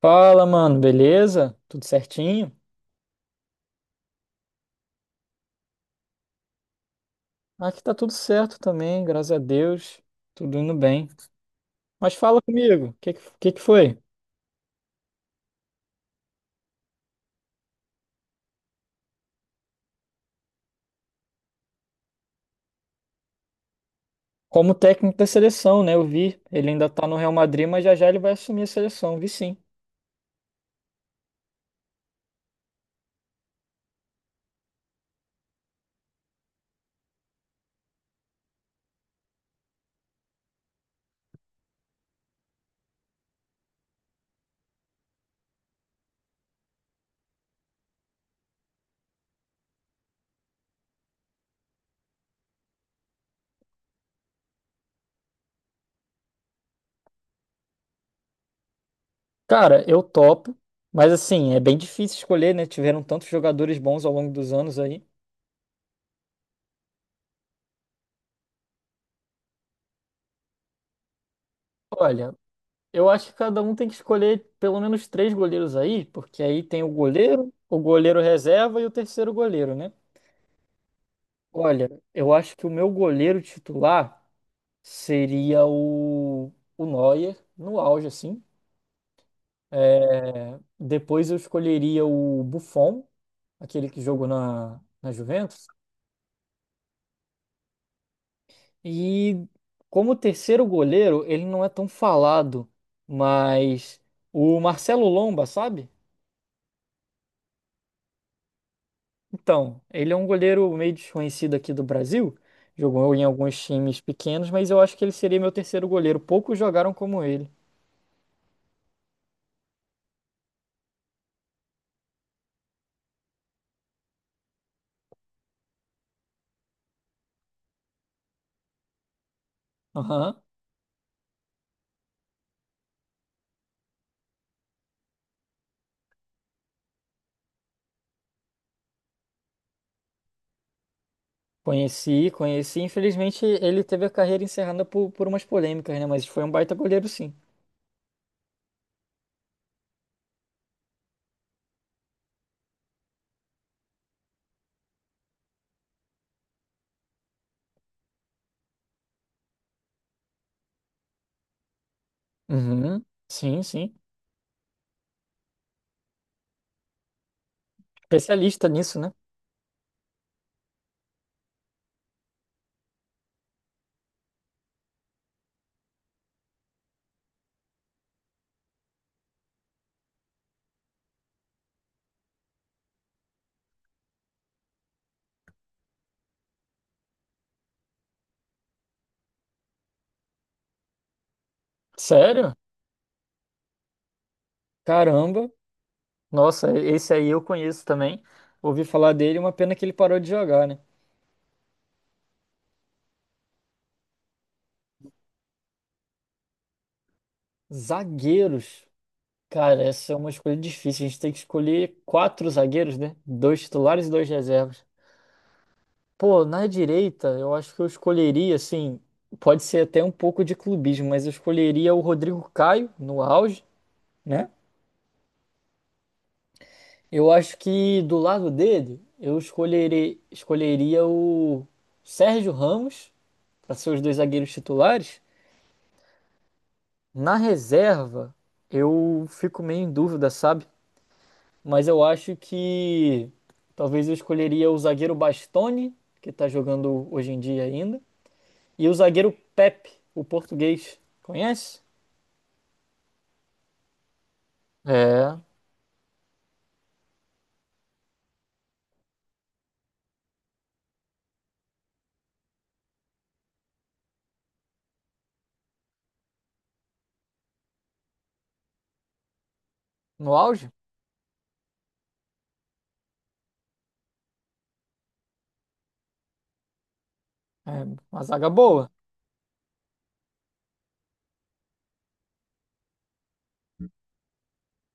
Fala, mano, beleza? Tudo certinho? Aqui tá tudo certo também, graças a Deus, tudo indo bem. Mas fala comigo, o que, que foi? Como técnico da seleção, né? Eu vi, ele ainda tá no Real Madrid, mas já já ele vai assumir a seleção, vi sim. Cara, eu topo, mas assim, é bem difícil escolher, né? Tiveram tantos jogadores bons ao longo dos anos aí. Olha, eu acho que cada um tem que escolher pelo menos três goleiros aí, porque aí tem o goleiro reserva e o terceiro goleiro, né? Olha, eu acho que o meu goleiro titular seria o Neuer, no auge, assim, né? Depois eu escolheria o Buffon, aquele que jogou na Juventus. E como terceiro goleiro, ele não é tão falado, mas o Marcelo Lomba, sabe? Então, ele é um goleiro meio desconhecido aqui do Brasil. Jogou em alguns times pequenos, mas eu acho que ele seria meu terceiro goleiro. Poucos jogaram como ele. Aham. Conheci, conheci. Infelizmente, ele teve a carreira encerrada por umas polêmicas, né? Mas foi um baita goleiro, sim. Uhum. Sim, sim. Especialista nisso, né? Sério? Caramba. Nossa, esse aí eu conheço também. Ouvi falar dele, uma pena que ele parou de jogar, né? Zagueiros. Cara, essa é uma escolha difícil. A gente tem que escolher quatro zagueiros, né? Dois titulares e dois reservas. Pô, na direita, eu acho que eu escolheria, assim, pode ser até um pouco de clubismo, mas eu escolheria o Rodrigo Caio no auge, né? Eu acho que do lado dele, eu escolheria o Sérgio Ramos para ser os dois zagueiros titulares. Na reserva, eu fico meio em dúvida, sabe? Mas eu acho que talvez eu escolheria o zagueiro Bastoni, que tá jogando hoje em dia ainda, e o zagueiro Pepe, o português. Conhece? É, no auge? É, uma zaga boa.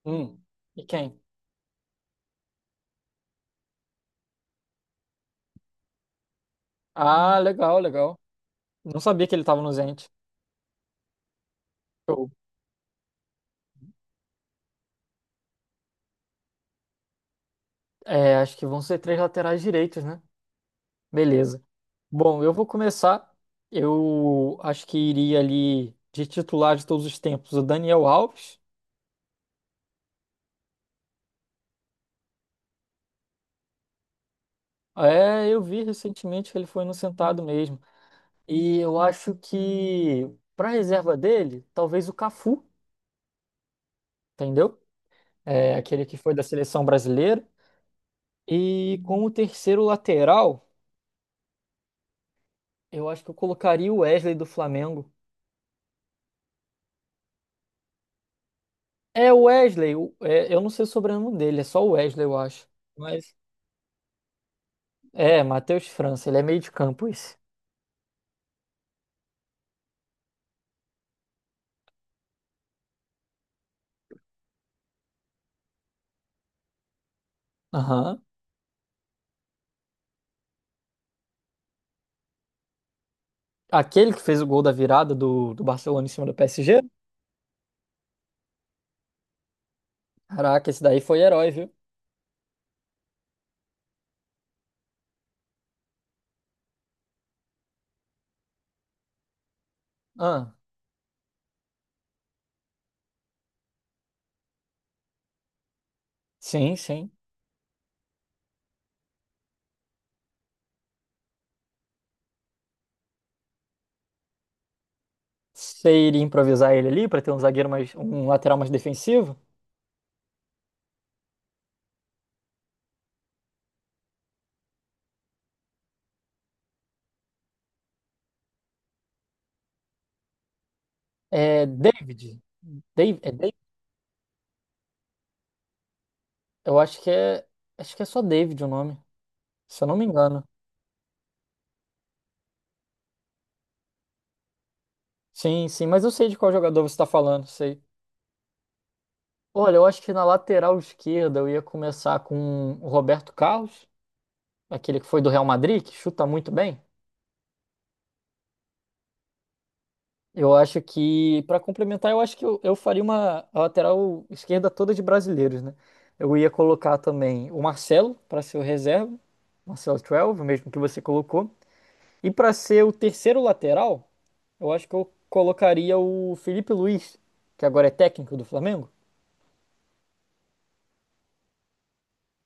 Hum. E quem? Ah, legal, legal. Não sabia que ele tava no Zenit. Show. É, acho que vão ser três laterais direitos, né? Beleza. Bom, eu vou começar. Eu acho que iria ali de titular de todos os tempos, o Daniel Alves. É, eu vi recentemente que ele foi inocentado mesmo. E eu acho que para reserva dele, talvez o Cafu, entendeu? É, aquele que foi da seleção brasileira. E como terceiro lateral, eu acho que eu colocaria o Wesley do Flamengo. É o Wesley, é, eu não sei o sobrenome dele, é só o Wesley, eu acho. Mas é, Matheus França, ele é meio de campo isso. Aham. Aquele que fez o gol da virada do Barcelona em cima do PSG? Caraca, esse daí foi herói, viu? Ah, sim, sim. Você iria improvisar ele ali pra ter um zagueiro mais, um lateral mais defensivo? É David. Dave, é David? Eu acho que é só David o nome, se eu não me engano. Sim, sim, mas eu sei de qual jogador você está falando, sei. Olha, eu acho que na lateral esquerda eu ia começar com o Roberto Carlos, aquele que foi do Real Madrid, que chuta muito bem. Eu acho que, para complementar, eu acho que eu faria uma a lateral esquerda toda de brasileiros, né? Eu ia colocar também o Marcelo para ser o reserva, Marcelo 12, o mesmo que você colocou. E para ser o terceiro lateral, eu acho que eu colocaria o Felipe Luiz, que agora é técnico do Flamengo.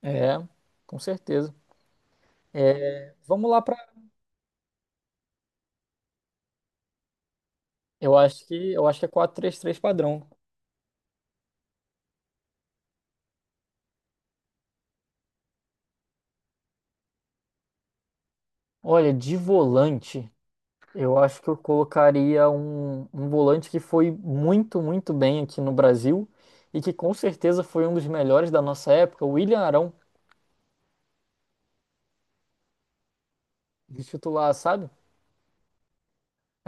É, com certeza. Vamos lá para. Eu acho que é quatro três três padrão. Olha, de volante, eu acho que eu colocaria um volante que foi muito bem aqui no Brasil e que com certeza foi um dos melhores da nossa época, o William Arão, de titular, sabe?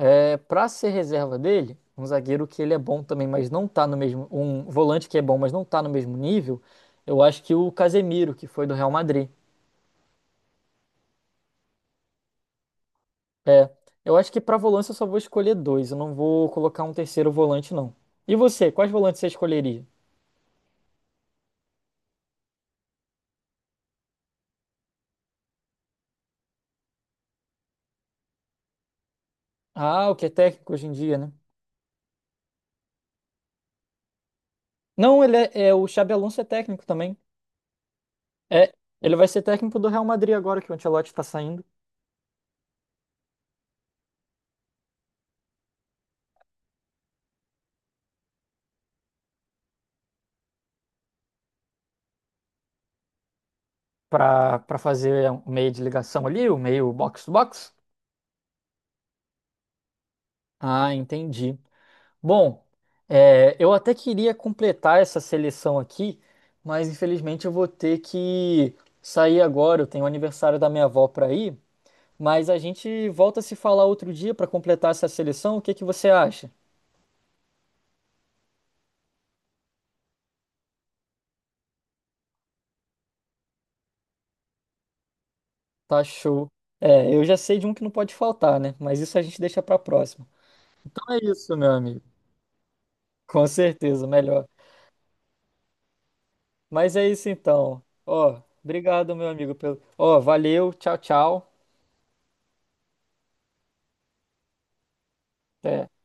É para ser reserva dele, um zagueiro que ele é bom também, mas não tá no mesmo, um volante que é bom, mas não tá no mesmo nível. Eu acho que o Casemiro, que foi do Real Madrid. É, eu acho que pra volante eu só vou escolher dois. Eu não vou colocar um terceiro volante, não. E você, quais volantes você escolheria? Ah, o que é técnico hoje em dia, né? Não, o Xabi Alonso é técnico também. É, ele vai ser técnico do Real Madrid agora que o Ancelotti tá saindo pra para fazer o meio de ligação ali, o meio box to box. Ah, entendi. Bom, eu até queria completar essa seleção aqui, mas infelizmente eu vou ter que sair agora. Eu tenho o aniversário da minha avó para ir. Mas a gente volta a se falar outro dia para completar essa seleção. O que que você acha? Tá show. É, eu já sei de um que não pode faltar, né? Mas isso a gente deixa para próxima. Então é isso, meu amigo. Com certeza, melhor. Mas é isso então. Ó, obrigado, meu amigo, pelo. Ó, valeu. Tchau, tchau. Até.